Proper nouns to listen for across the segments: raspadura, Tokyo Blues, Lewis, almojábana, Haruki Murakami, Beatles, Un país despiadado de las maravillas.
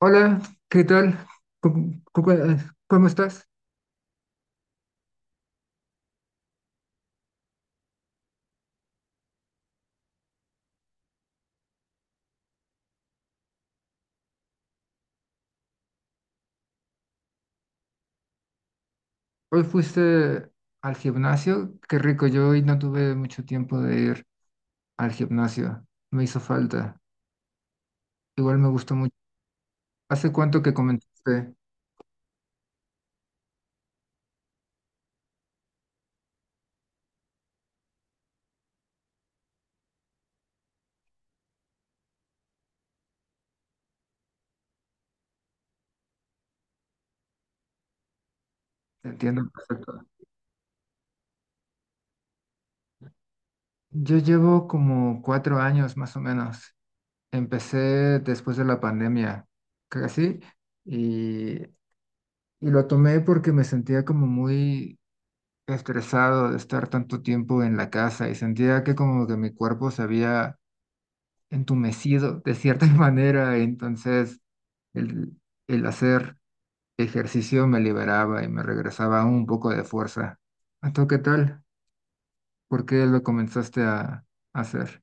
Hola, ¿qué tal? ¿Cómo, cómo- eh, cómo estás? Hoy fuiste al gimnasio. Qué rico, yo hoy no tuve mucho tiempo de ir al gimnasio. Me hizo falta. Igual me gustó mucho. ¿Hace cuánto que comenzaste? Te entiendo perfecto. Yo llevo como cuatro años más o menos. Empecé después de la pandemia, casi, y, y lo tomé porque me sentía como muy estresado de estar tanto tiempo en la casa y sentía que como que mi cuerpo se había entumecido de cierta manera, entonces el, el hacer ejercicio me liberaba y me regresaba un poco de fuerza. ¿A tú qué tal? ¿Por qué lo comenzaste a hacer?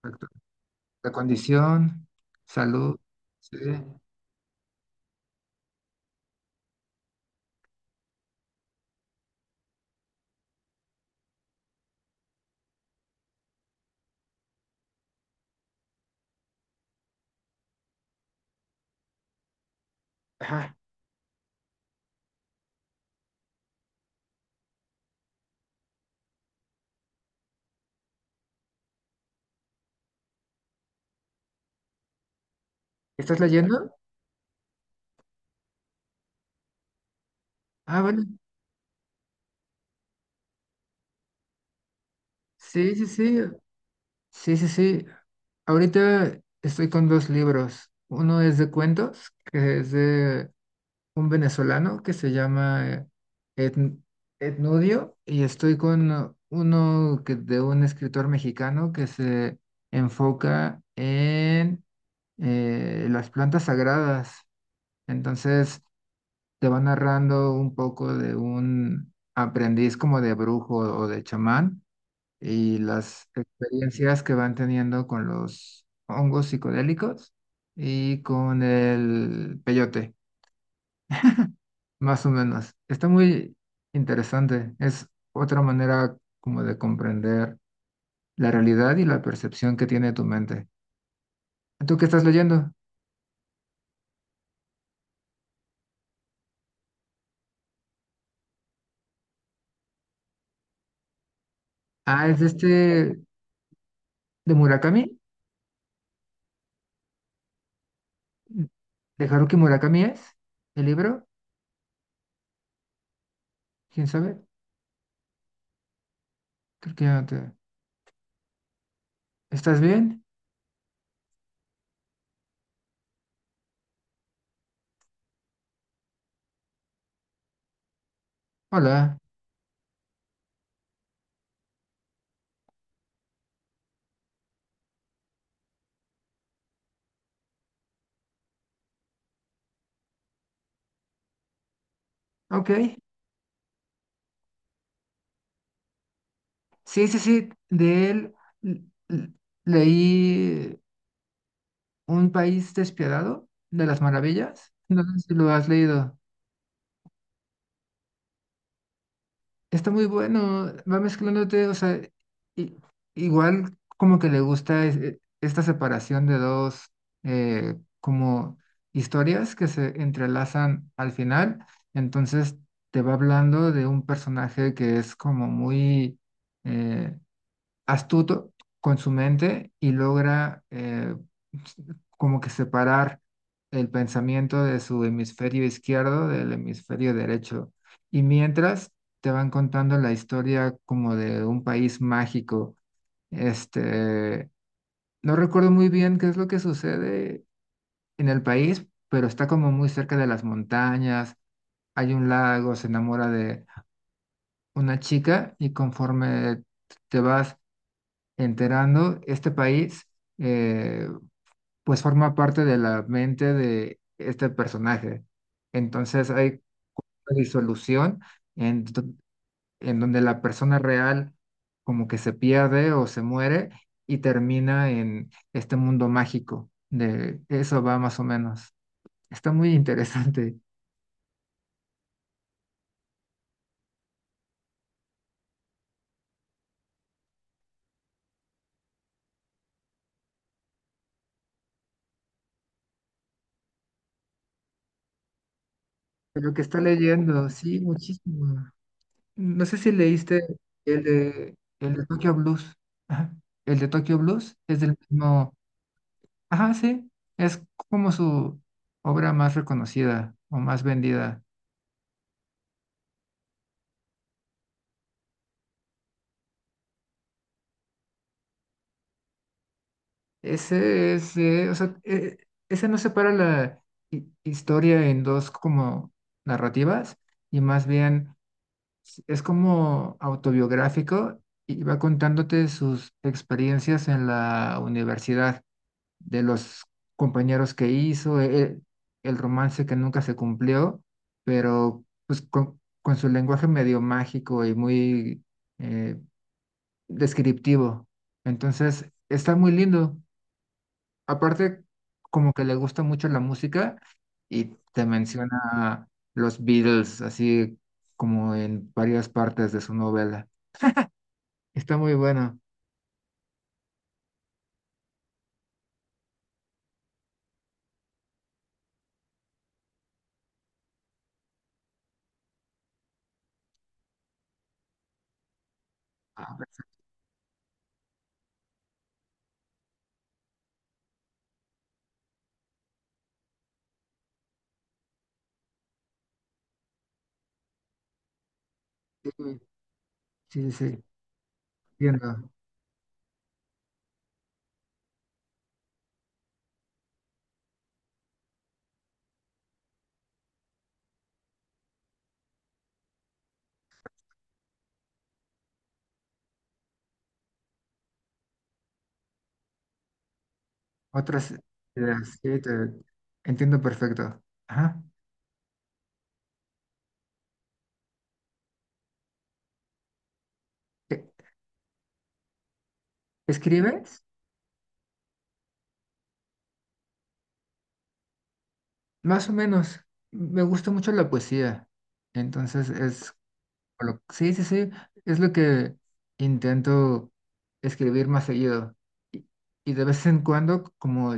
Perfecto. La condición, salud, sí. Ajá. ¿Estás leyendo? Ah, vale. Sí, sí, sí. Sí, sí, sí. Ahorita estoy con dos libros. Uno es de cuentos, que es de un venezolano que se llama Etn- Etnudio, y estoy con uno que, de un escritor mexicano que se enfoca en las plantas sagradas. Entonces te va narrando un poco de un aprendiz como de brujo o de chamán y las experiencias que van teniendo con los hongos psicodélicos y con el peyote, más o menos. Está muy interesante. Es otra manera como de comprender la realidad y la percepción que tiene tu mente. ¿Tú qué estás leyendo? Ah, es de este de Murakami, de Haruki Murakami es el libro. ¿Quién sabe? Creo que ya no te... ¿Estás bien? Hola. Ok. Sí, sí, sí, de él l- l- leí Un país despiadado de las maravillas. No sé si lo has leído. Está muy bueno, va mezclándote, o sea, i- igual como que le gusta esta separación de dos como historias que se entrelazan al final. Entonces te va hablando de un personaje que es como muy... eh, astuto con su mente y logra como que separar el pensamiento de su hemisferio izquierdo del hemisferio derecho. Y mientras te van contando la historia como de un país mágico, este, no recuerdo muy bien qué es lo que sucede en el país, pero está como muy cerca de las montañas, hay un lago, se enamora de una chica y conforme te vas enterando, este país eh, pues forma parte de la mente de este personaje. Entonces hay una disolución en, do- en donde la persona real como que se pierde o se muere y termina en este mundo mágico. De eso va más o menos. Está muy interesante. Lo que está leyendo, sí, muchísimo. No sé si leíste el de Tokyo Blues. Ajá. El de Tokyo Blues es del mismo. Ajá, sí, es como su obra más reconocida o más vendida. Ese es, o sea, ese no separa la historia en dos como narrativas y más bien es como autobiográfico y va contándote sus experiencias en la universidad. De los compañeros que hizo, el romance que nunca se cumplió, pero pues con su lenguaje medio mágico y muy eh, descriptivo. Entonces, está muy lindo. Aparte, como que le gusta mucho la música y te menciona los Beatles, así como en varias partes de su novela. Está muy bueno. Ah, sí, sí, sí, entiendo. Otras ideas, sí, te entiendo perfecto. Ajá. ¿E- ¿Escribes? Más o menos. Me gusta mucho la poesía. Entonces es sí, sí, sí, es lo que intento escribir más seguido. Y, y de vez en cuando como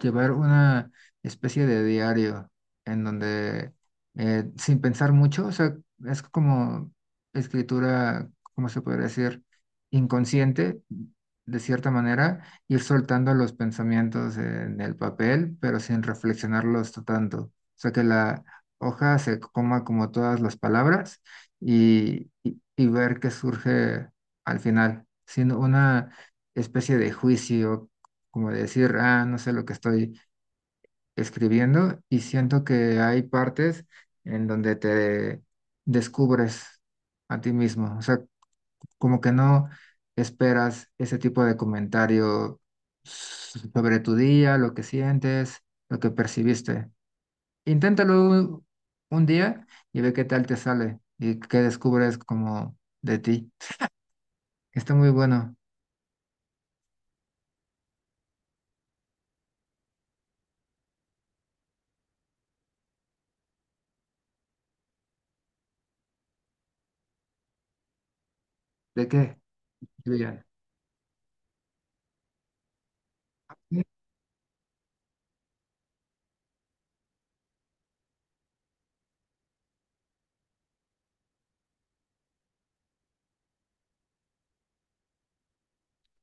llevar una especie de diario en donde sin pensar mucho, o sea, es como escritura, ¿cómo se podría decir? Inconsciente, de cierta manera, ir soltando los pensamientos en el papel, pero sin reflexionarlos tanto. O sea, que la hoja se coma como todas las palabras y ver qué surge al final, sino una especie de juicio, como decir, ah, no sé lo que estoy escribiendo y siento que hay partes en donde te descubres a ti mismo, o sea, como que no esperas ese tipo de comentario sobre tu día, lo que sientes, lo que percibiste. Inténtalo un día y ve qué tal te sale y qué descubres como de ti. Está muy bueno. ¿De qué? Lluvia. Sí,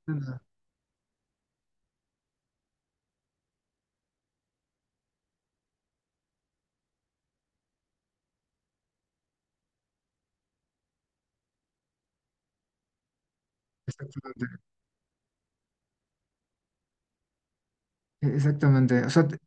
nada, exactamente. Exactamente. O sea, te-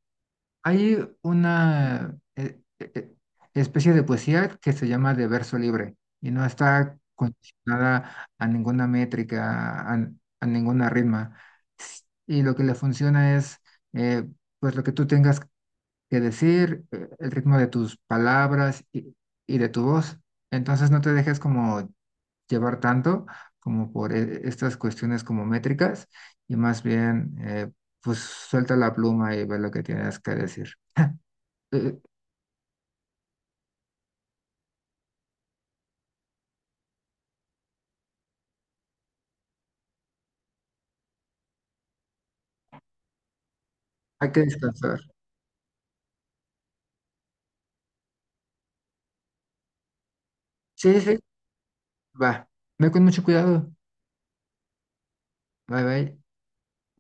hay una especie de poesía que se llama de verso libre y no está condicionada a ninguna métrica, a ninguna ritma. S- Y lo que le funciona es eh, pues lo que tú tengas que decir, el ritmo de tus palabras y de tu voz. Entonces no te dejes como llevar tanto como por estas cuestiones como métricas y más bien pues suelta la pluma y ve lo que tienes que decir. Eh, hay que descansar. Sí, sí, sí. Va. Ve con mucho cuidado. Bye, bye.